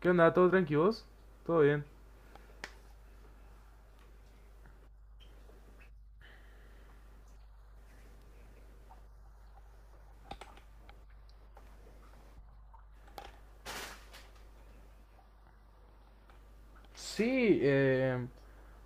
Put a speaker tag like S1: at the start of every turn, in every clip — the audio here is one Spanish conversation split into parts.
S1: ¿Qué onda? ¿Todo tranquilos? ¿Todo bien? Sí,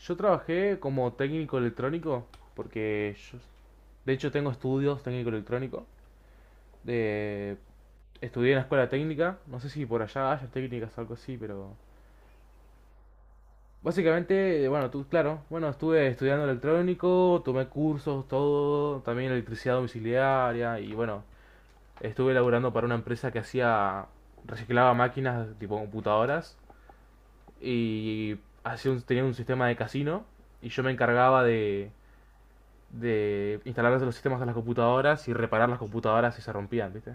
S1: yo trabajé como técnico electrónico porque de hecho tengo estudios técnico electrónico. Eh, Estudié en la escuela técnica, no sé si por allá haya técnicas o algo así, pero básicamente, bueno, tú, claro, bueno, estuve estudiando electrónico, tomé cursos, todo, también electricidad domiciliaria y bueno, estuve laburando para una empresa que hacía, reciclaba máquinas tipo computadoras y tenía un sistema de casino y yo me encargaba de instalar los sistemas a las computadoras y reparar las computadoras si se rompían, ¿viste?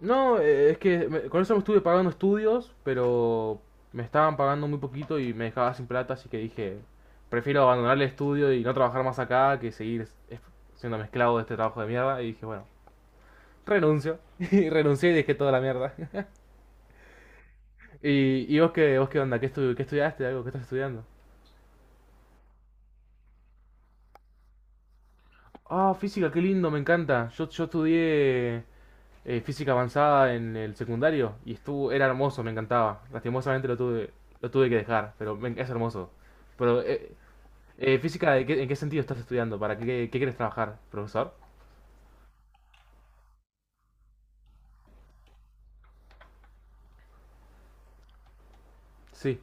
S1: No, es que con eso me estuve pagando estudios, pero me estaban pagando muy poquito y me dejaba sin plata, así que dije, prefiero abandonar el estudio y no trabajar más acá que seguir siendo mezclado de este trabajo de mierda. Y dije, bueno, renuncio. Y renuncié y dejé toda la mierda. ¿Y, y vos qué onda? ¿Qué, qué estudiaste? ¿Algo? ¿Qué estás estudiando? Ah, física, qué lindo, me encanta. Yo estudié física avanzada en el secundario y estuvo, era hermoso, me encantaba. Lastimosamente lo tuve que dejar, pero es hermoso. Pero, física, ¿en qué sentido estás estudiando? ¿Para qué, qué quieres trabajar, profesor? Sí.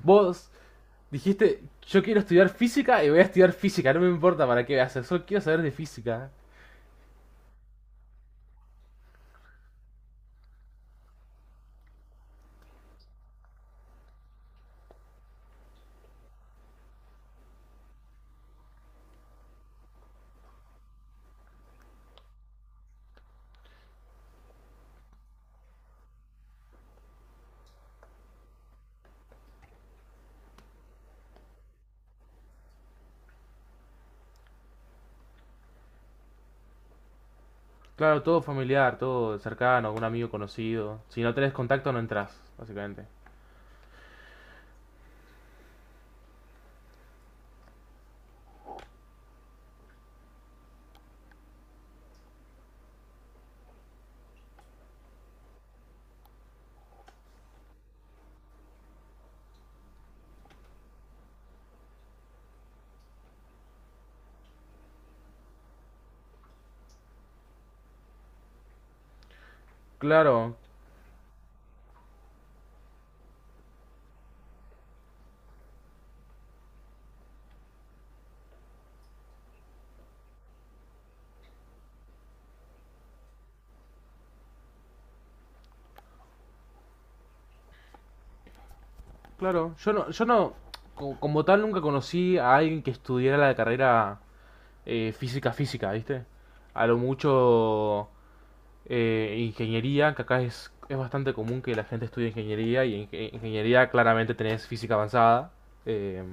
S1: Vos dijiste, yo quiero estudiar física y voy a estudiar física, no me importa para qué hacer, solo quiero saber de física. Claro, todo familiar, todo cercano, algún amigo conocido. Si no tenés contacto, no entras, básicamente. Claro. Claro, yo no, como tal nunca conocí a alguien que estudiara la carrera física física, ¿viste? A lo mucho ingeniería, que acá es bastante común que la gente estudie ingeniería y en ingeniería claramente tenés física avanzada, eh,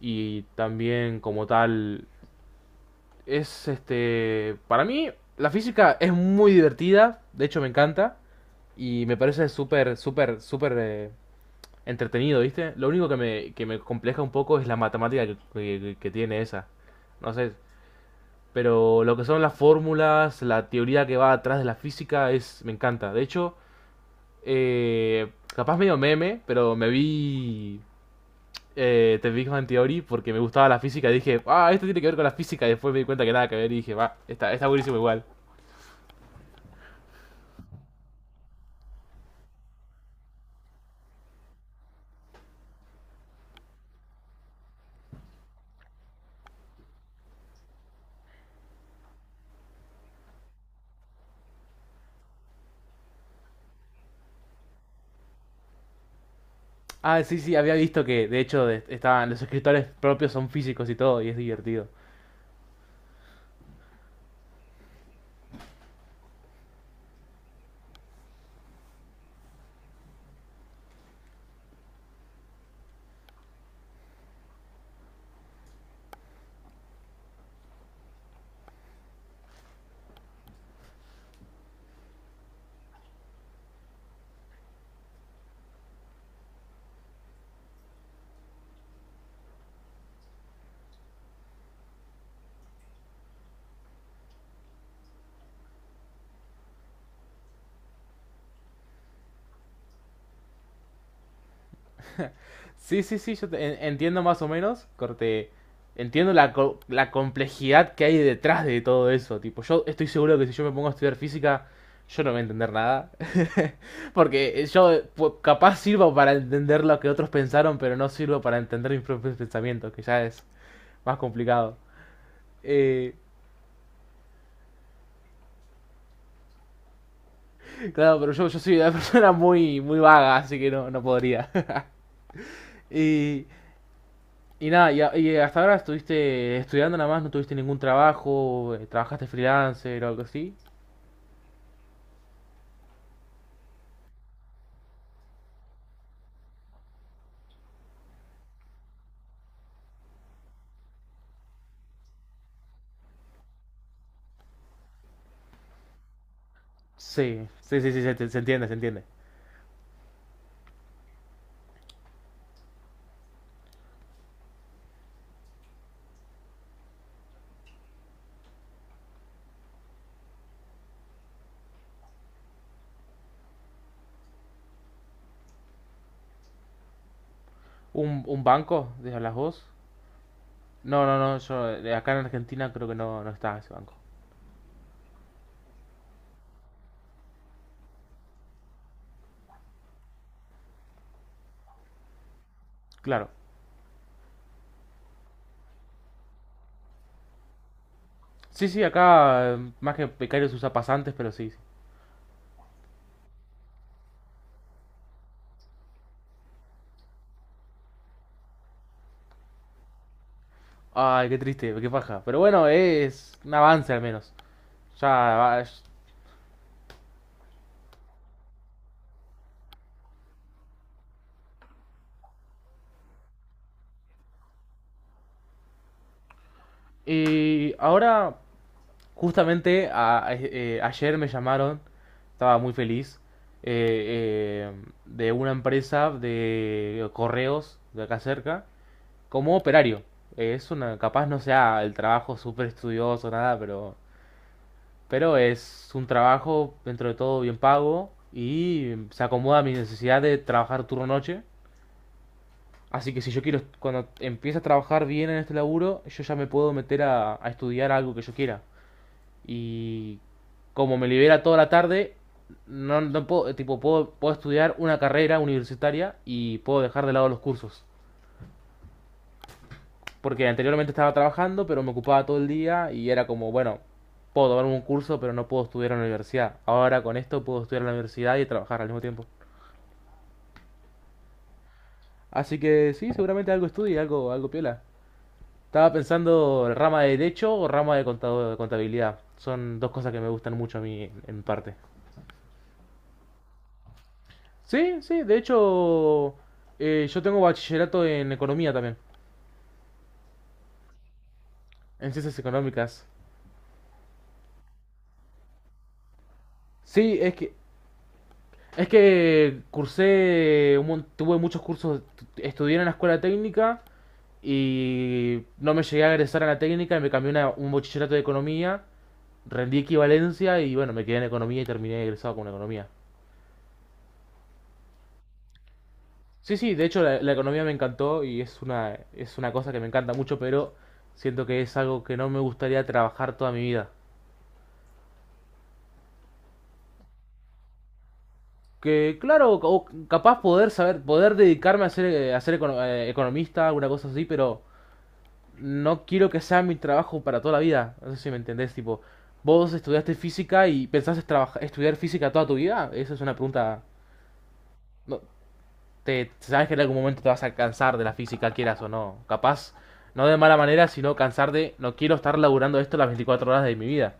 S1: y también como tal es este, para mí la física es muy divertida, de hecho me encanta y me parece súper, súper, súper entretenido, ¿viste? Lo único que me compleja un poco es la matemática que tiene esa. No sé, pero lo que son las fórmulas, la teoría que va atrás de la física, es me encanta. De hecho, capaz medio meme, pero me vi The Big Bang Theory porque me gustaba la física. Y dije, ah, esto tiene que ver con la física. Y después me di cuenta que nada que ver y dije, va, está buenísimo igual. Ah, sí, sí, había visto que de hecho estaban los escritores propios son físicos y todo, y es divertido. Sí, sí, sí, entiendo más o menos, corte, entiendo la complejidad que hay detrás de todo eso, tipo, yo estoy seguro que si yo me pongo a estudiar física, yo no voy a entender nada, porque yo capaz sirvo para entender lo que otros pensaron, pero no sirvo para entender mis propios pensamientos, que ya es más complicado. Eh, claro, pero yo soy una persona muy, muy vaga, así que no, no podría. Y Y nada, y hasta ahora estuviste estudiando nada más, no tuviste ningún trabajo, trabajaste freelancer o algo así. Sí, sí, sí, sí, se entiende, se entiende. Un banco? ¿De las vos? No, no, no, yo acá en Argentina creo que no, no está ese banco. Claro. Sí, sí, acá más que becarios usa pasantes, pero sí, sí. Ay, qué triste, qué paja. Pero bueno, es un avance al menos. Ya, va- y ahora justamente ayer me llamaron, estaba muy feliz, eh, eh, de una empresa de correos de acá cerca, como operario. Es una, capaz no sea el trabajo súper estudioso, nada, pero es un trabajo dentro de todo bien pago y se acomoda a mi necesidad de trabajar turno noche. Así que si yo quiero, cuando empiece a trabajar bien en este laburo, yo ya me puedo meter a estudiar algo que yo quiera. Y como me libera toda la tarde, no, no puedo, tipo, puedo, puedo estudiar una carrera universitaria y puedo dejar de lado los cursos. Porque anteriormente estaba trabajando, pero me ocupaba todo el día y era como, bueno, puedo tomar un curso, pero no puedo estudiar en la universidad. Ahora con esto puedo estudiar en la universidad y trabajar al mismo tiempo. Así que sí, seguramente algo estudie, algo, algo piola. Estaba pensando rama de derecho o rama de de contabilidad. Son dos cosas que me gustan mucho a mí en parte. Sí, sí, de hecho, yo tengo bachillerato en economía también, en ciencias económicas. Sí, es que cursé, tuve muchos cursos, estudié en la escuela técnica y no me llegué a egresar a la técnica y me cambié a un bachillerato de economía, rendí equivalencia y bueno, me quedé en economía y terminé egresado con economía. Sí, sí, de hecho la economía me encantó y es es una cosa que me encanta mucho, pero siento que es algo que no me gustaría trabajar toda mi vida. Que claro, o capaz poder saber, poder dedicarme a ser economista, alguna cosa así, pero no quiero que sea mi trabajo para toda la vida. No sé si me entendés, tipo, vos estudiaste física y pensás trabajar, estudiar física toda tu vida. Esa es una pregunta... No, te, sabes que en algún momento te vas a cansar de la física, quieras o no. Capaz, no de mala manera, sino cansar de, no quiero estar laburando esto las 24 horas de mi vida.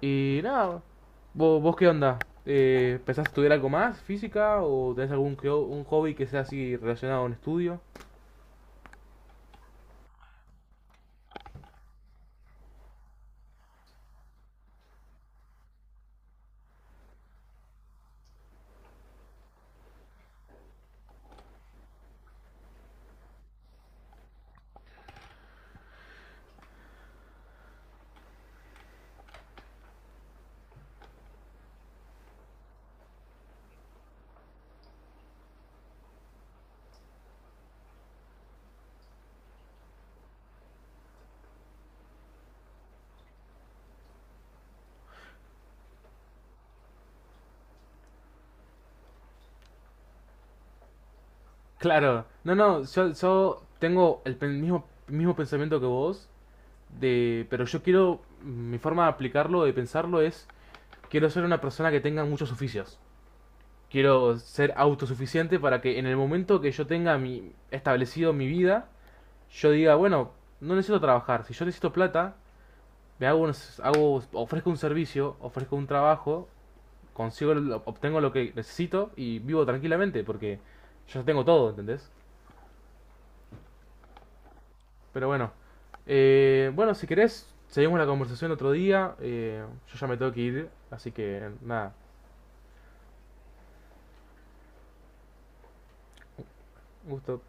S1: Y nada, ¿vos, vos qué onda? ¿Pensás estudiar algo más, física, o tenés algún un hobby que sea así relacionado a un estudio? Claro, no, no, yo tengo el mismo, mismo pensamiento que vos, de, pero yo quiero, mi forma de aplicarlo, de pensarlo es, quiero ser una persona que tenga muchos oficios. Quiero ser autosuficiente para que en el momento que yo tenga mi, establecido mi vida, yo diga, bueno, no necesito trabajar, si yo necesito plata, le hago, ofrezco un servicio, ofrezco un trabajo, consigo, obtengo lo que necesito y vivo tranquilamente porque yo ya tengo todo, ¿entendés? Pero bueno, bueno, si querés, seguimos la conversación otro día. Eh, yo ya me tengo que ir, así que nada, gusto.